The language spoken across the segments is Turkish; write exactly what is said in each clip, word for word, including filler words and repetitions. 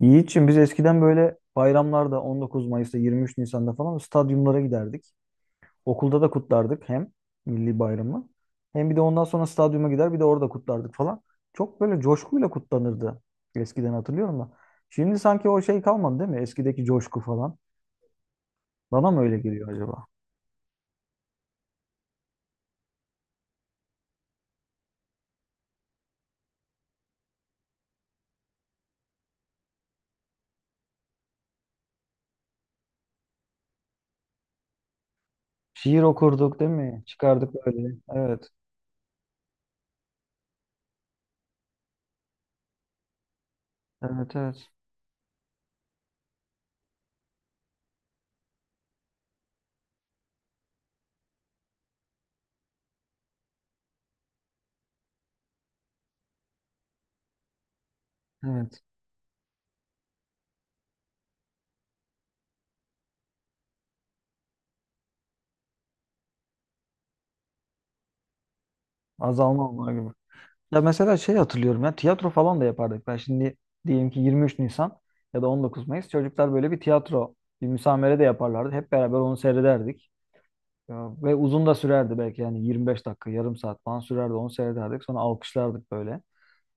Yiğit'ciğim biz eskiden böyle bayramlarda on dokuz Mayıs'ta yirmi üç Nisan'da falan stadyumlara giderdik. Okulda da kutlardık hem milli bayramı hem bir de ondan sonra stadyuma gider bir de orada kutlardık falan. Çok böyle coşkuyla kutlanırdı eskiden hatırlıyorum da. Şimdi sanki o şey kalmadı değil mi? Eskideki coşku falan. Bana mı öyle geliyor acaba? Şiir okurduk değil mi? Çıkardık böyle. Evet. Evet, evet. Evet. Azalma var gibi. Ya mesela şey hatırlıyorum ya tiyatro falan da yapardık. Ben şimdi diyelim ki yirmi üç Nisan ya da on dokuz Mayıs çocuklar böyle bir tiyatro, bir müsamere de yaparlardı. Hep beraber onu seyrederdik. Ya, ve uzun da sürerdi belki yani yirmi beş dakika, yarım saat falan sürerdi onu seyrederdik. Sonra alkışlardık böyle.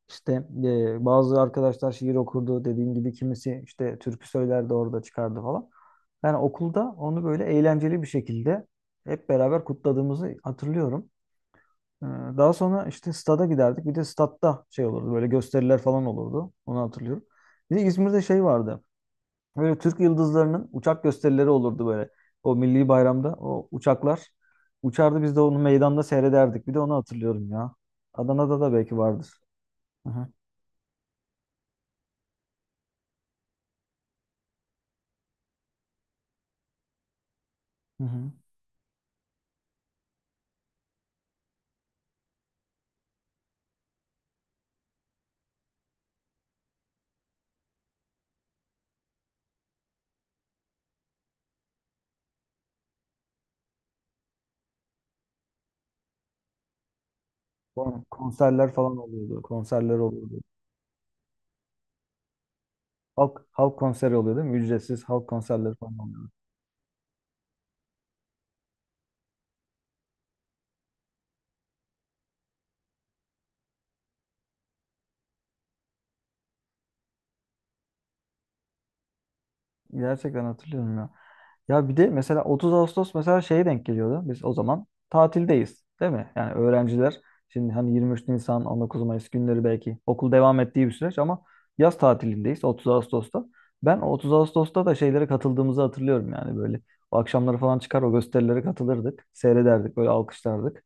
İşte e, bazı arkadaşlar şiir okurdu dediğim gibi kimisi işte türkü söylerdi orada çıkardı falan. Yani okulda onu böyle eğlenceli bir şekilde hep beraber kutladığımızı hatırlıyorum. Ee, Daha sonra işte stada giderdik. Bir de statta şey olurdu. Böyle gösteriler falan olurdu. Onu hatırlıyorum. Bir de İzmir'de şey vardı. Böyle Türk yıldızlarının uçak gösterileri olurdu böyle. O milli bayramda o uçaklar uçardı. Biz de onu meydanda seyrederdik. Bir de onu hatırlıyorum ya. Adana'da da belki vardır. Hı hı. Hı hı. Kon- Konserler falan oluyordu. Konserler oluyordu. Halk halk konseri oluyor değil mi? Ücretsiz halk konserleri falan oluyordu. Gerçekten hatırlıyorum ya. Ya bir de mesela otuz Ağustos mesela şeye denk geliyordu. Biz o zaman tatildeyiz, değil mi? Yani öğrenciler şimdi hani yirmi üç Nisan, on dokuz Mayıs günleri belki okul devam ettiği bir süreç ama yaz tatilindeyiz otuz Ağustos'ta. Ben otuz Ağustos'ta da şeylere katıldığımızı hatırlıyorum yani böyle. O akşamları falan çıkar o gösterilere katılırdık. Seyrederdik, böyle alkışlardık.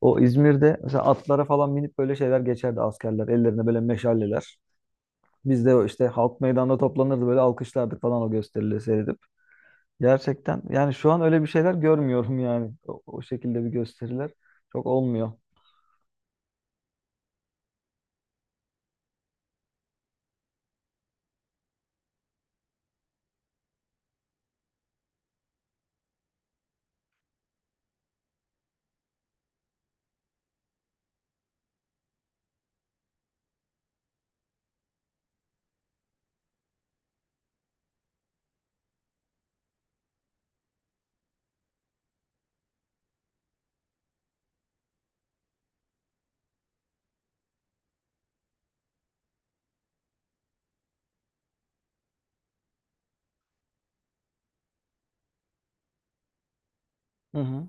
O İzmir'de mesela atlara falan binip böyle şeyler geçerdi askerler. Ellerinde böyle meşaleler. Biz de işte halk meydanda toplanırdı böyle alkışlardık falan o gösterileri seyredip. Gerçekten yani şu an öyle bir şeyler görmüyorum yani. O, o şekilde bir gösteriler çok olmuyor. Hı hı.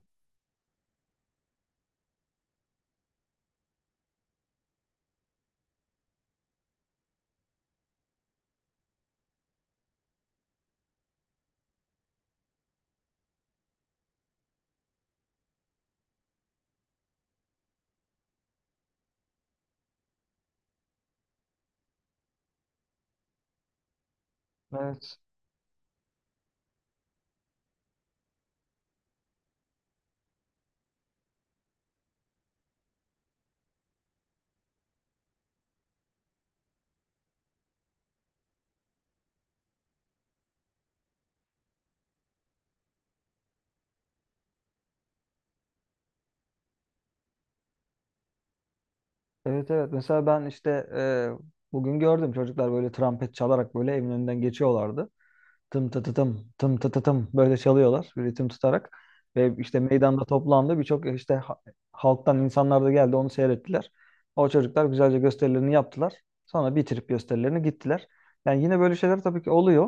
Evet. Evet, evet. Mesela ben işte e, bugün gördüm çocuklar böyle trompet çalarak böyle evin önünden geçiyorlardı. Tım tı tı tım tım tı tı tım böyle çalıyorlar bir ritim tutarak. Ve işte meydanda toplandı birçok e, işte ha- halktan insanlar da geldi onu seyrettiler. O çocuklar güzelce gösterilerini yaptılar. Sonra bitirip gösterilerini gittiler. Yani yine böyle şeyler tabii ki oluyor.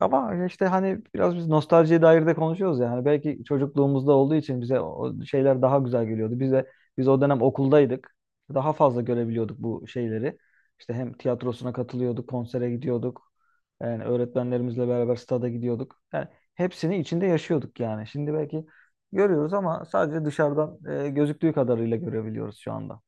Ama hani işte hani biraz biz nostaljiye dair de konuşuyoruz yani. Belki çocukluğumuzda olduğu için bize o şeyler daha güzel geliyordu. Bize biz o dönem okuldaydık. Daha fazla görebiliyorduk bu şeyleri. İşte hem tiyatrosuna katılıyorduk, konsere gidiyorduk. Yani öğretmenlerimizle beraber stada gidiyorduk. Yani hepsini içinde yaşıyorduk yani. Şimdi belki görüyoruz ama sadece dışarıdan e, gözüktüğü kadarıyla görebiliyoruz şu anda.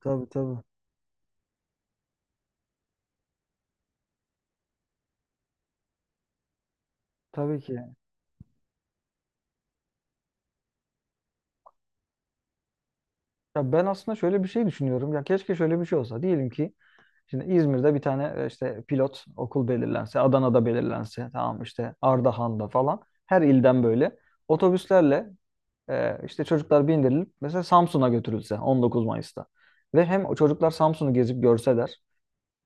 Tabii, tabii. Tabii ki. Ya ben aslında şöyle bir şey düşünüyorum. Ya keşke şöyle bir şey olsa. Diyelim ki şimdi İzmir'de bir tane e, işte pilot okul belirlense, Adana'da belirlense, tamam işte Ardahan'da falan her ilden böyle otobüslerle e, işte çocuklar bindirilip mesela Samsun'a götürülse on dokuz Mayıs'ta. Ve hem o çocuklar Samsun'u gezip görseler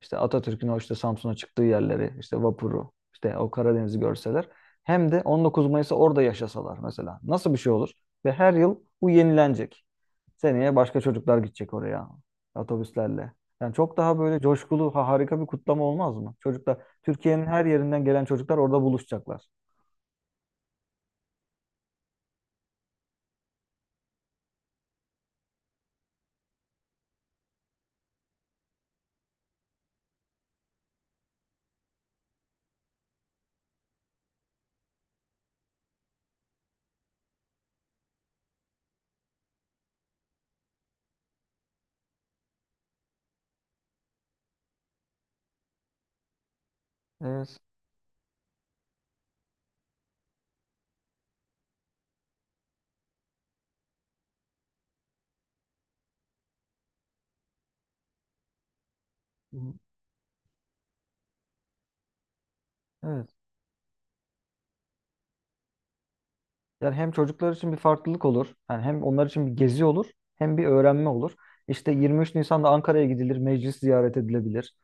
işte Atatürk'ün o işte Samsun'a çıktığı yerleri, işte vapuru, işte o Karadeniz'i görseler hem de on dokuz Mayıs'ı orada yaşasalar mesela. Nasıl bir şey olur? Ve her yıl bu yenilenecek. Seneye başka çocuklar gidecek oraya otobüslerle. Yani çok daha böyle coşkulu, ha- harika bir kutlama olmaz mı? Çocuklar, Türkiye'nin her yerinden gelen çocuklar orada buluşacaklar. Evet. Hı. Evet. Yani hem çocuklar için bir farklılık olur. Yani hem onlar için bir gezi olur, hem bir öğrenme olur. İşte yirmi üç Nisan'da Ankara'ya gidilir, meclis ziyaret edilebilir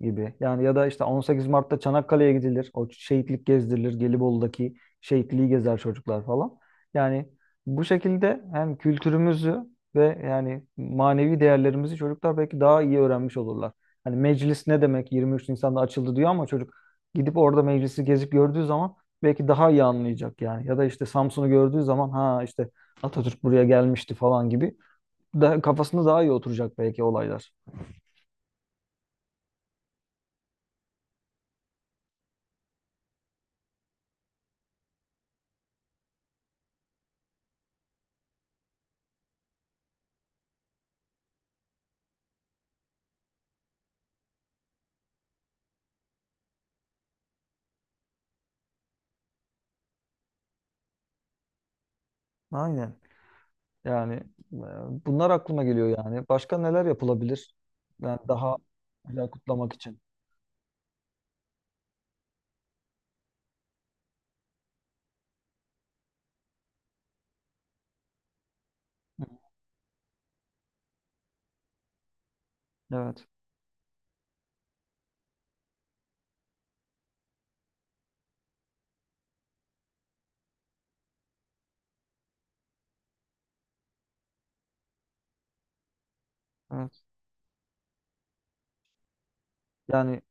gibi. Yani ya da işte on sekiz Mart'ta Çanakkale'ye gidilir. O şehitlik gezdirilir. Gelibolu'daki şehitliği gezer çocuklar falan. Yani bu şekilde hem kültürümüzü ve yani manevi değerlerimizi çocuklar belki daha iyi öğrenmiş olurlar. Hani meclis ne demek yirmi üç Nisan'da açıldı diyor ama çocuk gidip orada meclisi gezip gördüğü zaman belki daha iyi anlayacak yani. Ya da işte Samsun'u gördüğü zaman ha işte Atatürk buraya gelmişti falan gibi. Daha, kafasında daha iyi oturacak belki olaylar. Aynen. Yani e, bunlar aklıma geliyor yani. Başka neler yapılabilir? Yani daha güzel kutlamak için. Hı. Evet, evet. Yani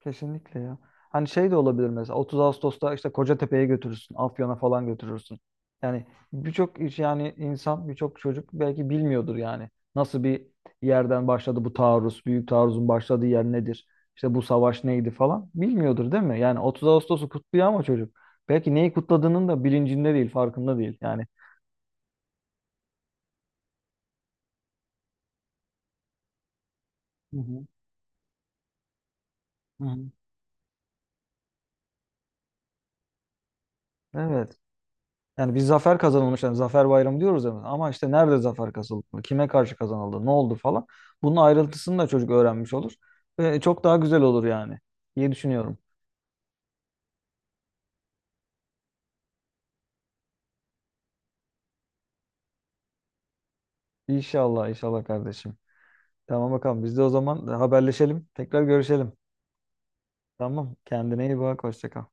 kesinlikle ya. Hani şey de olabilir mesela otuz Ağustos'ta işte Kocatepe'ye götürürsün, Afyon'a falan götürürsün. Yani birçok iş yani insan, birçok çocuk belki bilmiyordur yani. Nasıl bir yerden başladı bu taarruz, büyük taarruzun başladığı yer nedir? İşte bu savaş neydi falan bilmiyordur değil mi? Yani otuz Ağustos'u kutluyor ama çocuk belki neyi kutladığının da bilincinde değil, farkında değil. Yani hı hı. Hı hı. Evet. Yani bir zafer kazanılmış. Yani zafer bayramı diyoruz hemen. Ama işte nerede zafer kazanıldı? Kime karşı kazanıldı? Ne oldu falan. Bunun ayrıntısını da çocuk öğrenmiş olur. Ve çok daha güzel olur yani diye düşünüyorum. İnşallah, inşallah kardeşim. Tamam bakalım. Biz de o zaman haberleşelim. Tekrar görüşelim. Tamam. Kendine iyi bak. Hoşça kal.